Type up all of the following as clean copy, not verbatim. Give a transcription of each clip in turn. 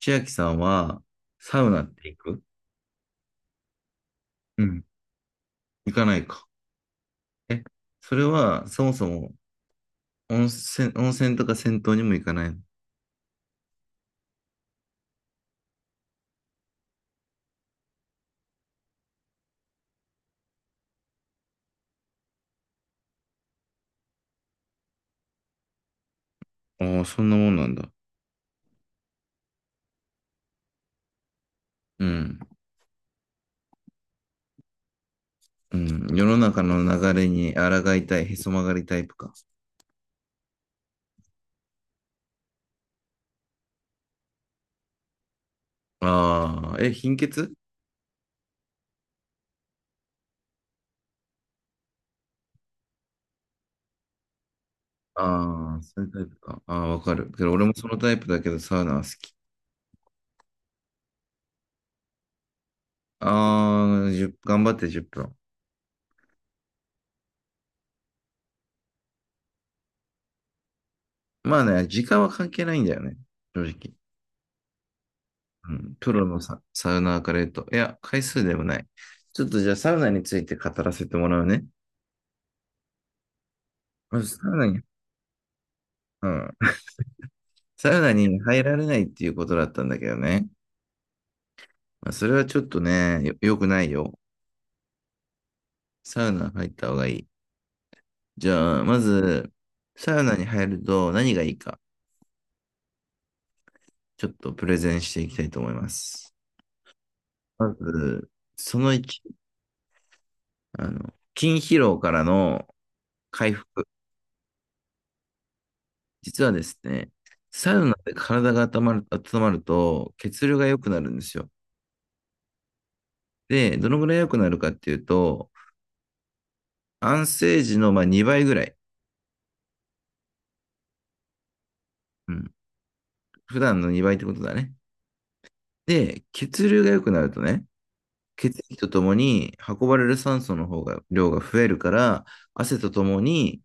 千秋さんは、サウナって行く？うん行かないか。え、それは、そもそも、温泉とか銭湯にも行かないの？ああ、そんなもんなんだ。うん。うん。世の中の流れに抗いたい、へそ曲がりタイプか。ああ、え、貧血？ああ、そういうタイプか。ああ、わかる。けど、俺もそのタイプだけど、サウナは好き。ああ、1頑張って10分。まあね、時間は関係ないんだよね。正直。うん、プロのサウナーから言うと、いや、回数でもない。ちょっとじゃあサウナについて語らせてもらうね。まずサウナに、うん。サウナに入られないっていうことだったんだけどね。まあ、それはちょっとね、良くないよ。サウナ入った方がいい。じゃあ、まず、サウナに入ると何がいいか、ちょっとプレゼンしていきたいと思います。まず、その1、筋疲労からの回復。実はですね、サウナで体が温まる、温まると血流が良くなるんですよ。で、どのぐらい良くなるかっていうと、安静時のまあ2倍ぐらい。うん。普段の2倍ってことだね。で、血流が良くなるとね、血液とともに運ばれる酸素の方が、量が増えるから、汗とともに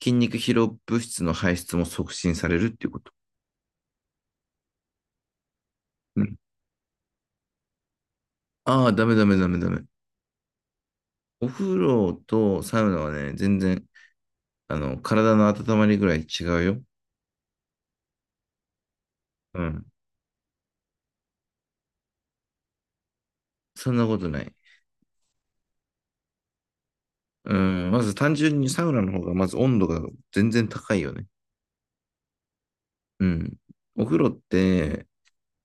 筋肉疲労物質の排出も促進されるっていうこと。うん。ああ、ダメダメダメダメ。お風呂とサウナはね、全然、体の温まりぐらい違うよ。うん。そんなことない。うん。まず単純にサウナの方がまず温度が全然高いよね。うん。お風呂って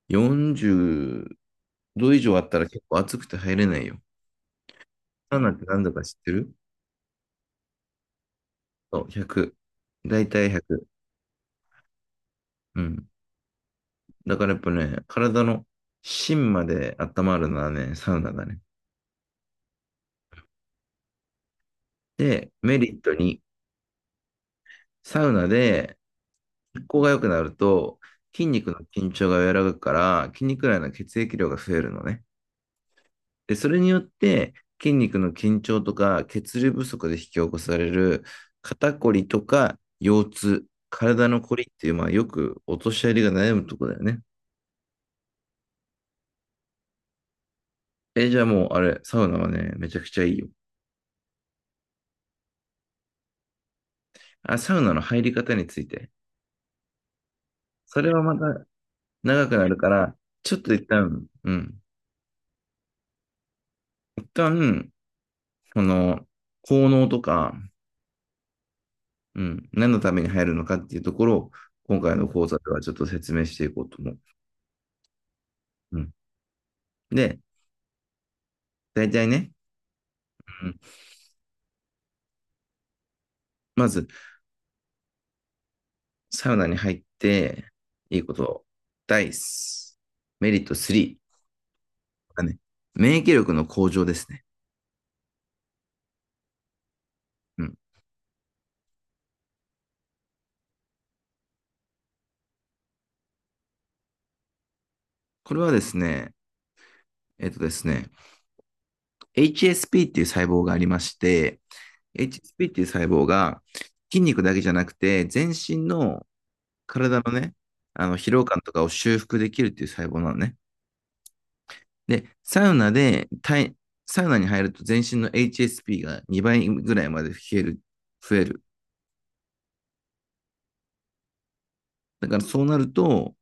40度以上あったら結構暑くて入れないよ。サウナって何度か知ってる？そう、100。だいたい100。うん。だからやっぱね、体の芯まで温まるのはね、サウナだね。で、メリットに、サウナで血行が良くなると、筋肉の緊張が和らぐから、筋肉内の血液量が増えるのね。で、それによって筋肉の緊張とか血流不足で引き起こされる肩こりとか腰痛、体のこりっていう、まあよくお年寄りが悩むとこだよね。え、じゃあもうあれ、サウナはね、めちゃくちゃいいよ。あ、サウナの入り方について。それはまた長くなるから、ちょっと一旦、うん。一旦、この、効能とか、うん、何のために入るのかっていうところを、今回の講座ではちょっと説明していこうと思う。うん、で、大体ね、うん、まず、サウナに入って、いいこと。ダイス。メリット3。がね。免疫力の向上ですね。うん。これはですね、えっとですね、HSP っていう細胞がありまして、HSP っていう細胞が筋肉だけじゃなくて、全身の体のね、あの疲労感とかを修復できるっていう細胞なのね。で、サウナで体、サウナに入ると全身の HSP が2倍ぐらいまで増える。増える。だからそうなると、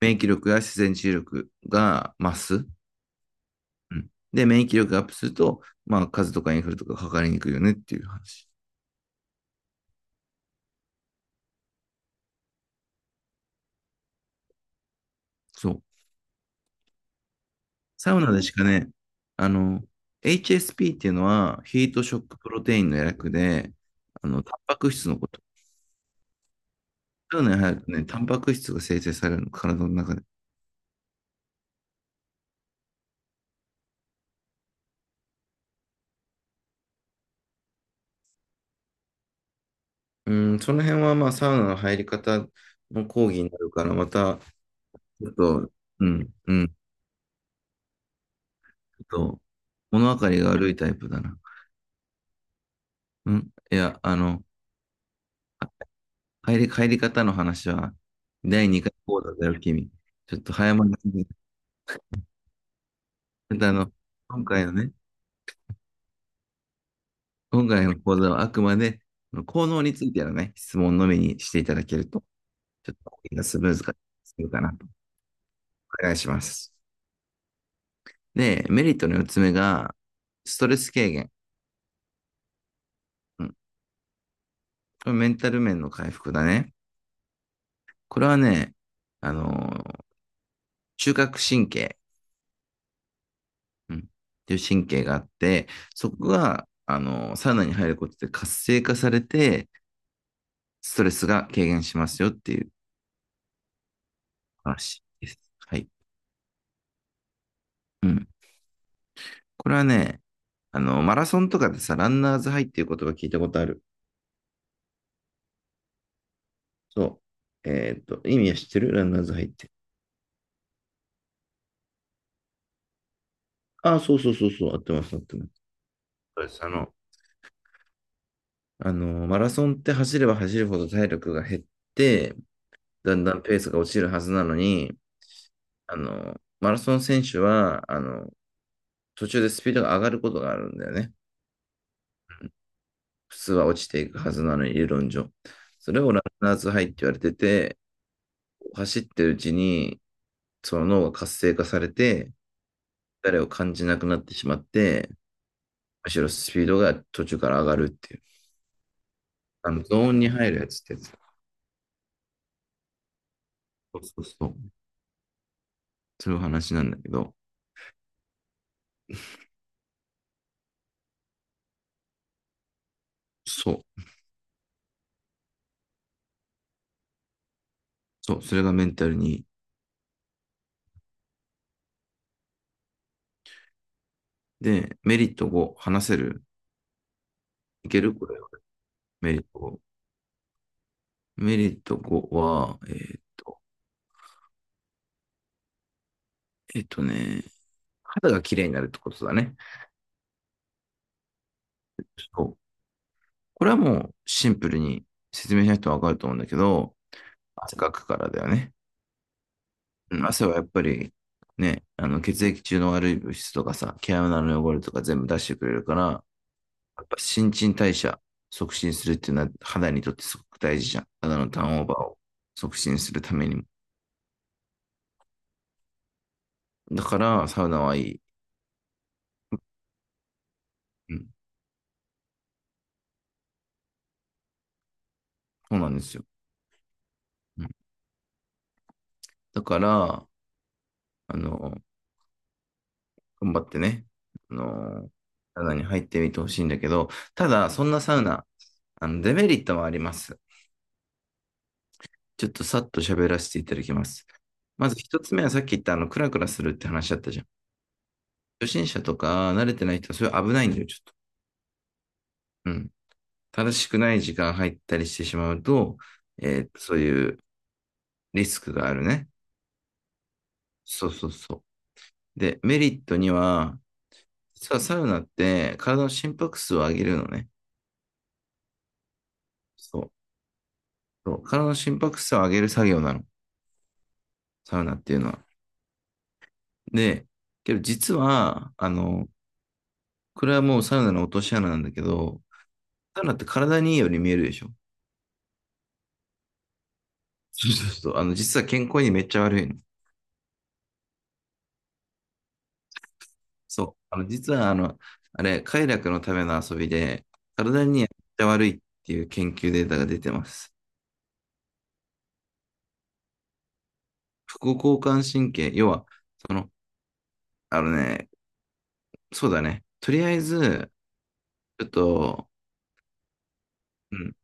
免疫力や自然治癒力が増す。うん、で、免疫力がアップすると、まあ、風邪とかインフルとかかかりにくいよねっていう話。そう。サウナでしかね、あの、HSP っていうのは、ヒートショックプロテインの略で、あの、タンパク質のこと。サウナに入るとね、タンパク質が生成されるの、体の中で。うん、その辺は、まあ、サウナの入り方の講義になるから、また、ちょっと、うん、うん、ちょっと、物分かりが悪いタイプだな。うん、いや、あの、帰り方の話は、第2回講座だよ、君。ちょっと早まりすぎ。ちょっとあの、今回のね、今回の講座はあくまで、あの効能についてのね、質問のみにしていただけると、ちょっと講義がスムーズ化するかなと。お願いします。で、メリットの4つ目が、ストレス軽減。うん。これメンタル面の回復だね。これはね、あの中核神経、うん、っていう神経があって、そこが、サウナに入ることで活性化されて、ストレスが軽減しますよっていう話です。はい。うん。これはね、あの、マラソンとかでさ、ランナーズハイっていう言葉聞いたことある？そう。えーっと、意味は知ってるランナーズハイって？ああ、そうそうそうそう、合ってます、合ってます。そうです。あの、マラソンって走れば走るほど体力が減って、だんだんペースが落ちるはずなのに、あの、マラソン選手は、あの、途中でスピードが上がることがあるんだよね。普通は落ちていくはずなのに、理論上。それをランナーズハイって言われてて、走ってるうちに、その脳が活性化されて、誰を感じなくなってしまって、むしろスピードが途中から上がるっていう。あの、ゾーンに入るやつってやつ。そうそうそう。そういう話なんだけど、そう。そう、それがメンタルに。で、メリット5、話せる？いけるこれは。メリット5。メリット5は、えっとね、肌が綺麗になるってことだね。そう。これはもうシンプルに説明しないと分かると思うんだけど、汗かくからだよね。うん、汗はやっぱりね、あの血液中の悪い物質とかさ、毛穴の汚れとか全部出してくれるから、やっぱ新陳代謝促進するっていうのは肌にとってすごく大事じゃん。肌のターンオーバーを促進するためにも。だから、サウナはいい。うん、そうなんですよ。うん、だから、あの、頑張ってね、あの、サウナに入ってみてほしいんだけど、ただ、そんなサウナ、あの、デメリットもあります。ちょっとさっと喋らせていただきます。まず一つ目はさっき言ったあの、クラクラするって話だったじゃん。初心者とか慣れてない人はそれ危ないんだよ、ちょっと。うん。正しくない時間入ったりしてしまうと、えーそういうリスクがあるね。そうそうそう。で、メリットには、実はサウナって体の心拍数を上げるのね。そう。そう体の心拍数を上げる作業なの。サウナっていうのは。で、けど実は、あの、これはもうサウナの落とし穴なんだけど、サウナって体にいいように見えるでしょ。そうそうそう。あの、実は健康にめっちゃ悪いの。そう。あの、実はあの、あれ、快楽のための遊びで、体にめっちゃ悪いっていう研究データが出てます。副交感神経、要は、その、あのね、そうだね。とりあえず、ちょっと、うん、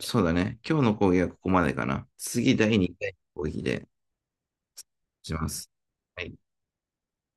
そうだね。今日の講義はここまでかな。次、第2回の講義でします。はい